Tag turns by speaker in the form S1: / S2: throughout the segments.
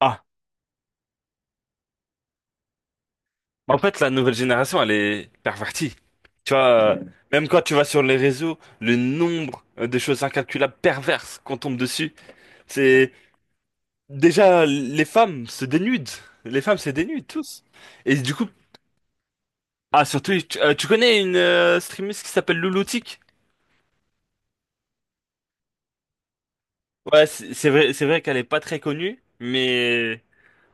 S1: Ah, en fait, la nouvelle génération, elle est pervertie. Tu vois, même quand tu vas sur les réseaux, le nombre de choses incalculables perverses qu'on tombe dessus, c'est déjà les femmes se dénudent. Les femmes se dénudent tous. Et du coup, ah surtout, tu connais une streameuse qui s'appelle Louloutique? Ouais, c'est vrai, c'est vrai qu'elle est pas très connue, mais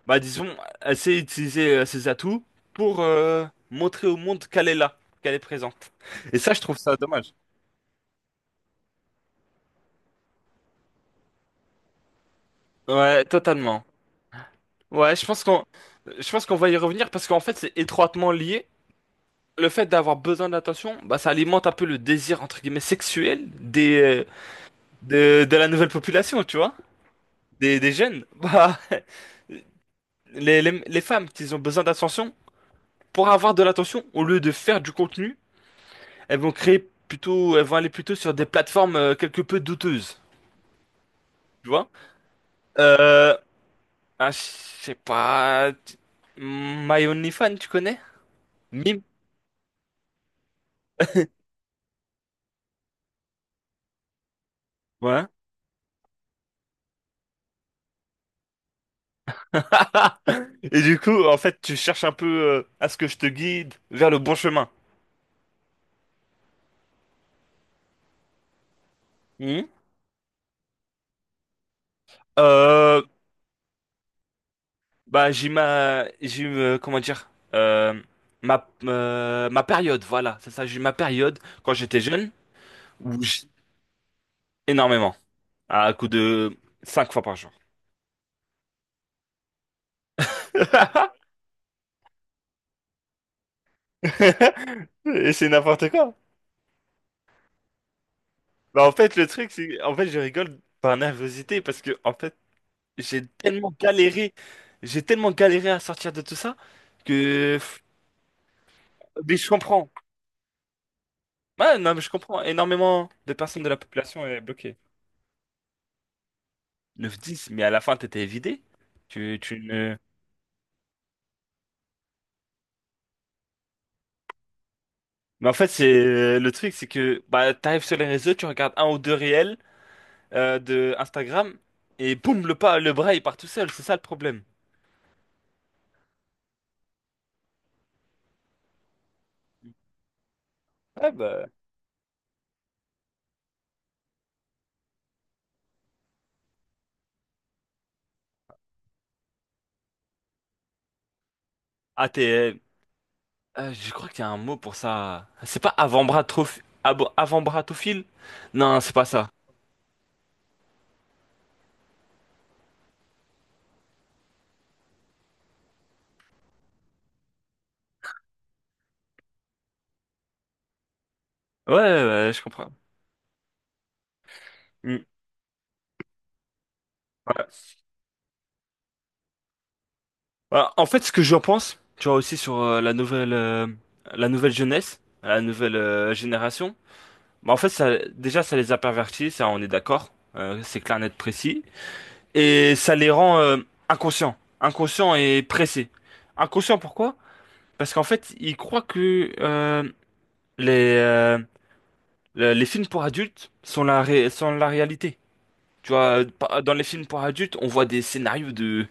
S1: bah disons, elle sait utiliser ses atouts pour montrer au monde qu'elle est là, qu'elle est présente. Et ça, je trouve ça dommage. Ouais, totalement. Ouais, je pense qu'on va y revenir parce qu'en fait, c'est étroitement lié. Le fait d'avoir besoin d'attention, bah ça alimente un peu le désir entre guillemets sexuel des de la nouvelle population, tu vois, des jeunes. Bah les femmes qui ont besoin d'attention pour avoir de l'attention au lieu de faire du contenu, elles vont créer elles vont aller plutôt sur des plateformes quelque peu douteuses, tu vois. Euh je sais pas My OnlyFans, tu connais? Mime. Ouais. Et du coup, en fait, tu cherches un peu à ce que je te guide vers le bon chemin. Mhm. Euh, Bah, j'ai comment dire, ma période, voilà, c'est ça, j'ai eu ma période quand j'étais jeune où j'ai énormément, à coup de 5 fois par jour. Et c'est n'importe quoi. Bah, en fait, le truc, c'est, en fait, je rigole par nervosité parce que, en fait, j'ai tellement galéré, j'ai tellement galéré à sortir de tout ça que. Mais je comprends. Ouais, non, mais je comprends. Énormément de personnes de la population est bloquée. 9-10, mais à la fin, t'étais vidé. Tu ne. Mais en fait, c'est le truc, c'est que bah, t'arrives sur les réseaux, tu regardes un ou deux réels de Instagram, et boum, le pas, le bras, il part tout seul. C'est ça le problème. Ouais, bah. Ah, t'es. Je crois qu'il y a un mot pour ça. C'est pas avant-bras trop. Avant-bras. Non, c'est pas ça. Ouais, ouais, ouais, je comprends. Mm. Ouais. Bah, en fait, ce que j'en pense, tu vois aussi sur la nouvelle jeunesse, la nouvelle génération. Bah, en fait, ça, déjà, ça les a pervertis, ça, on est d'accord. C'est clair, net, précis. Et ça les rend inconscients, inconscients et pressés. Inconscients, pourquoi? Parce qu'en fait, ils croient que les, euh, les films pour adultes sont la réalité. Tu vois, dans les films pour adultes, on voit des scénarios de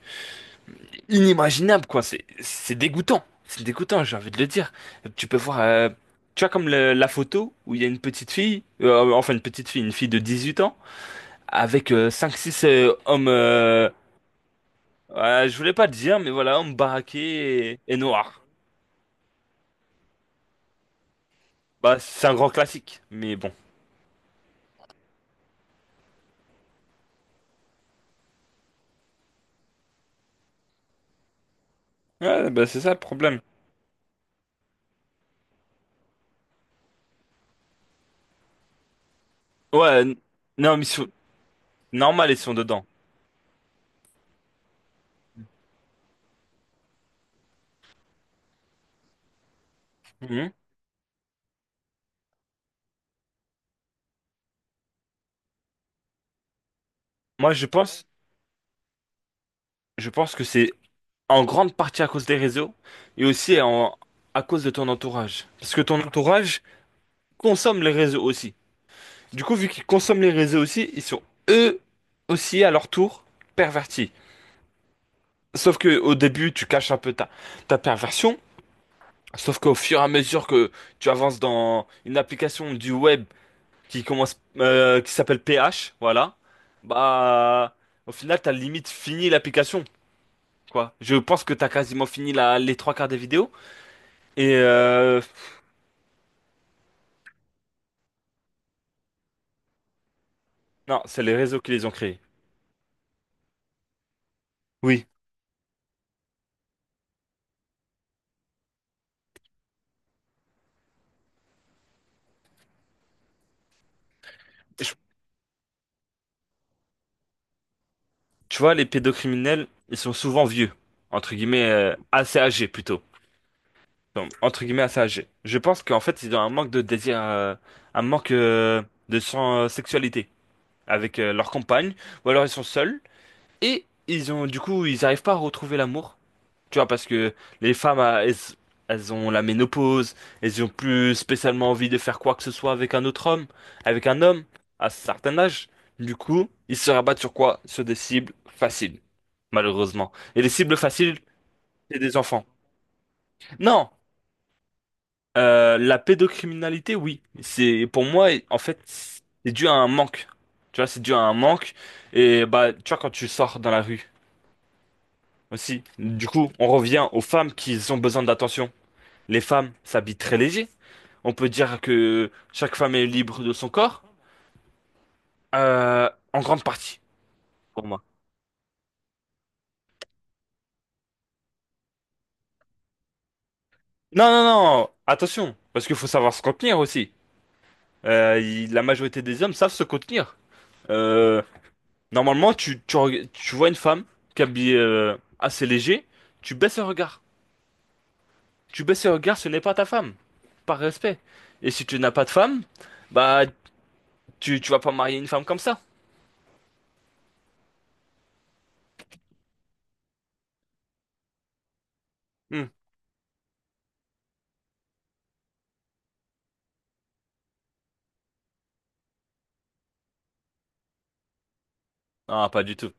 S1: inimaginable, quoi. C'est dégoûtant. C'est dégoûtant, j'ai envie de le dire. Tu peux voir, tu vois, comme la photo où il y a une petite fille, enfin une petite fille, une fille de 18 ans, avec cinq six hommes, je voulais pas le dire, mais voilà, hommes baraqués et noirs. Bah, c'est un grand classique, mais bon. Ouais, bah, c'est ça le problème. Ouais, non, mais normal, ils sont dedans. Mhm. Moi, je pense que c'est en grande partie à cause des réseaux et aussi à cause de ton entourage. Parce que ton entourage consomme les réseaux aussi. Du coup, vu qu'ils consomment les réseaux aussi, ils sont eux aussi à leur tour pervertis. Sauf que au début, tu caches un peu ta perversion. Sauf qu'au fur et à mesure que tu avances dans une application du web qui commence, qui s'appelle PH, voilà, bah, au final, t'as limite fini l'application, quoi. Je pense que t'as quasiment fini les trois quarts des vidéos. Et euh, Non, c'est les réseaux qui les ont créés. Oui, Je- tu vois, les pédocriminels, ils sont souvent vieux, entre guillemets, assez âgés plutôt. Donc, entre guillemets, assez âgés. Je pense qu'en fait, ils ont un manque de désir, un manque de sexualité avec leur compagne, ou alors ils sont seuls, et ils ont, du coup, ils n'arrivent pas à retrouver l'amour. Tu vois, parce que les femmes, ah, elles ont la ménopause, elles ont plus spécialement envie de faire quoi que ce soit avec un autre homme, avec un homme, à un certain âge. Du coup, ils se rabattent sur quoi? Sur des cibles faciles, malheureusement. Et les cibles faciles, c'est des enfants. Non, la pédocriminalité, oui. C'est, pour moi, en fait, c'est dû à un manque. Tu vois, c'est dû à un manque. Et bah, tu vois, quand tu sors dans la rue aussi. Du coup, on revient aux femmes qui ont besoin d'attention. Les femmes s'habillent très léger. On peut dire que chaque femme est libre de son corps, en grande partie, pour moi. Non, non, non, attention, parce qu'il faut savoir se contenir aussi. La majorité des hommes savent se contenir. Euh, Normalement, tu vois une femme qui est habillée assez léger, tu baisses le regard. Tu baisses le regard, ce n'est pas ta femme, par respect. Et si tu n'as pas de femme, bah, tu vas pas marier une femme comme ça. Hmm. Non, pas du tout.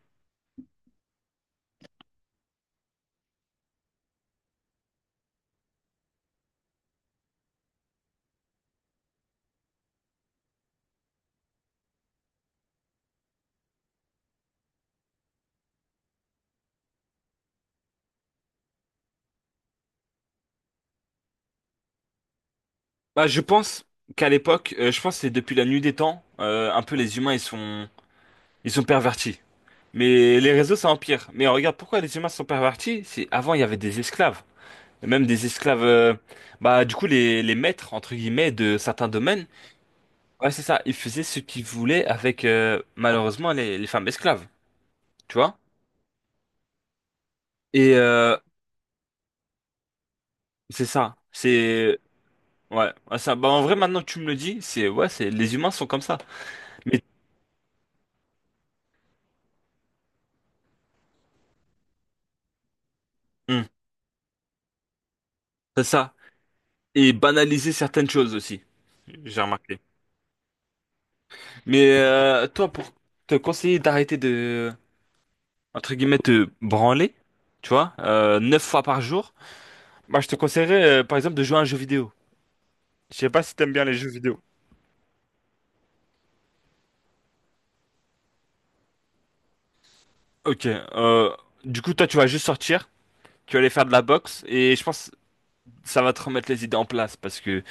S1: Bah, je pense qu'à l'époque, je pense que c'est depuis la nuit des temps, un peu les humains ils sont pervertis. Mais les réseaux ça empire. Mais regarde pourquoi les humains sont pervertis, c'est avant il y avait des esclaves. Et même des esclaves bah du coup les maîtres entre guillemets de certains domaines. Ouais, c'est ça, ils faisaient ce qu'ils voulaient avec malheureusement les femmes esclaves, tu vois? Et euh, c'est ça, c'est ouais. Ouais, ça, bah, en vrai maintenant que tu me le dis, c'est ouais, c'est les humains sont comme ça. Mais hum, c'est ça. Et banaliser certaines choses aussi, j'ai remarqué. Mais toi, pour te conseiller d'arrêter de, entre guillemets, te branler, tu vois, 9 fois par jour, bah, je te conseillerais, par exemple, de jouer à un jeu vidéo. Je sais pas si t'aimes bien les jeux vidéo. Ok, du coup, toi, tu vas juste sortir, tu vas aller faire de la boxe, et je pense que ça va te remettre les idées en place, parce que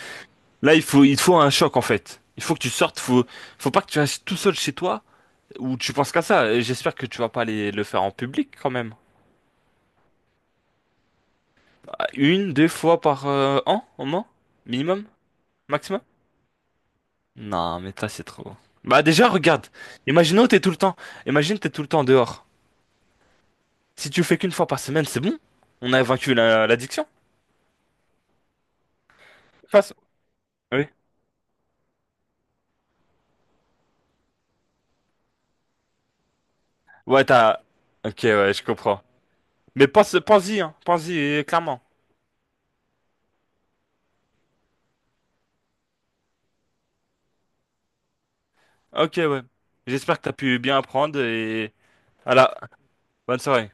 S1: là, il te faut un choc, en fait. Il faut que tu sortes, faut pas que tu restes tout seul chez toi, où tu penses qu'à ça. Et j'espère que tu vas pas aller le faire en public, quand même. Ah, une, deux fois par an, au moins? Minimum? Maximum? Non, mais ça, c'est trop. Bah, déjà, regarde. Imaginons que t'es tout le temps. Imagine que t'es tout le temps dehors. Si tu fais qu'une fois par semaine, c'est bon. On a vaincu l'addiction. Face. Oui. Ouais, t'as. Ok, ouais, je comprends. Mais pense-y, hein. Pense-y, clairement. Ok, ouais. J'espère que t'as pu bien apprendre et. Voilà. Bonne soirée.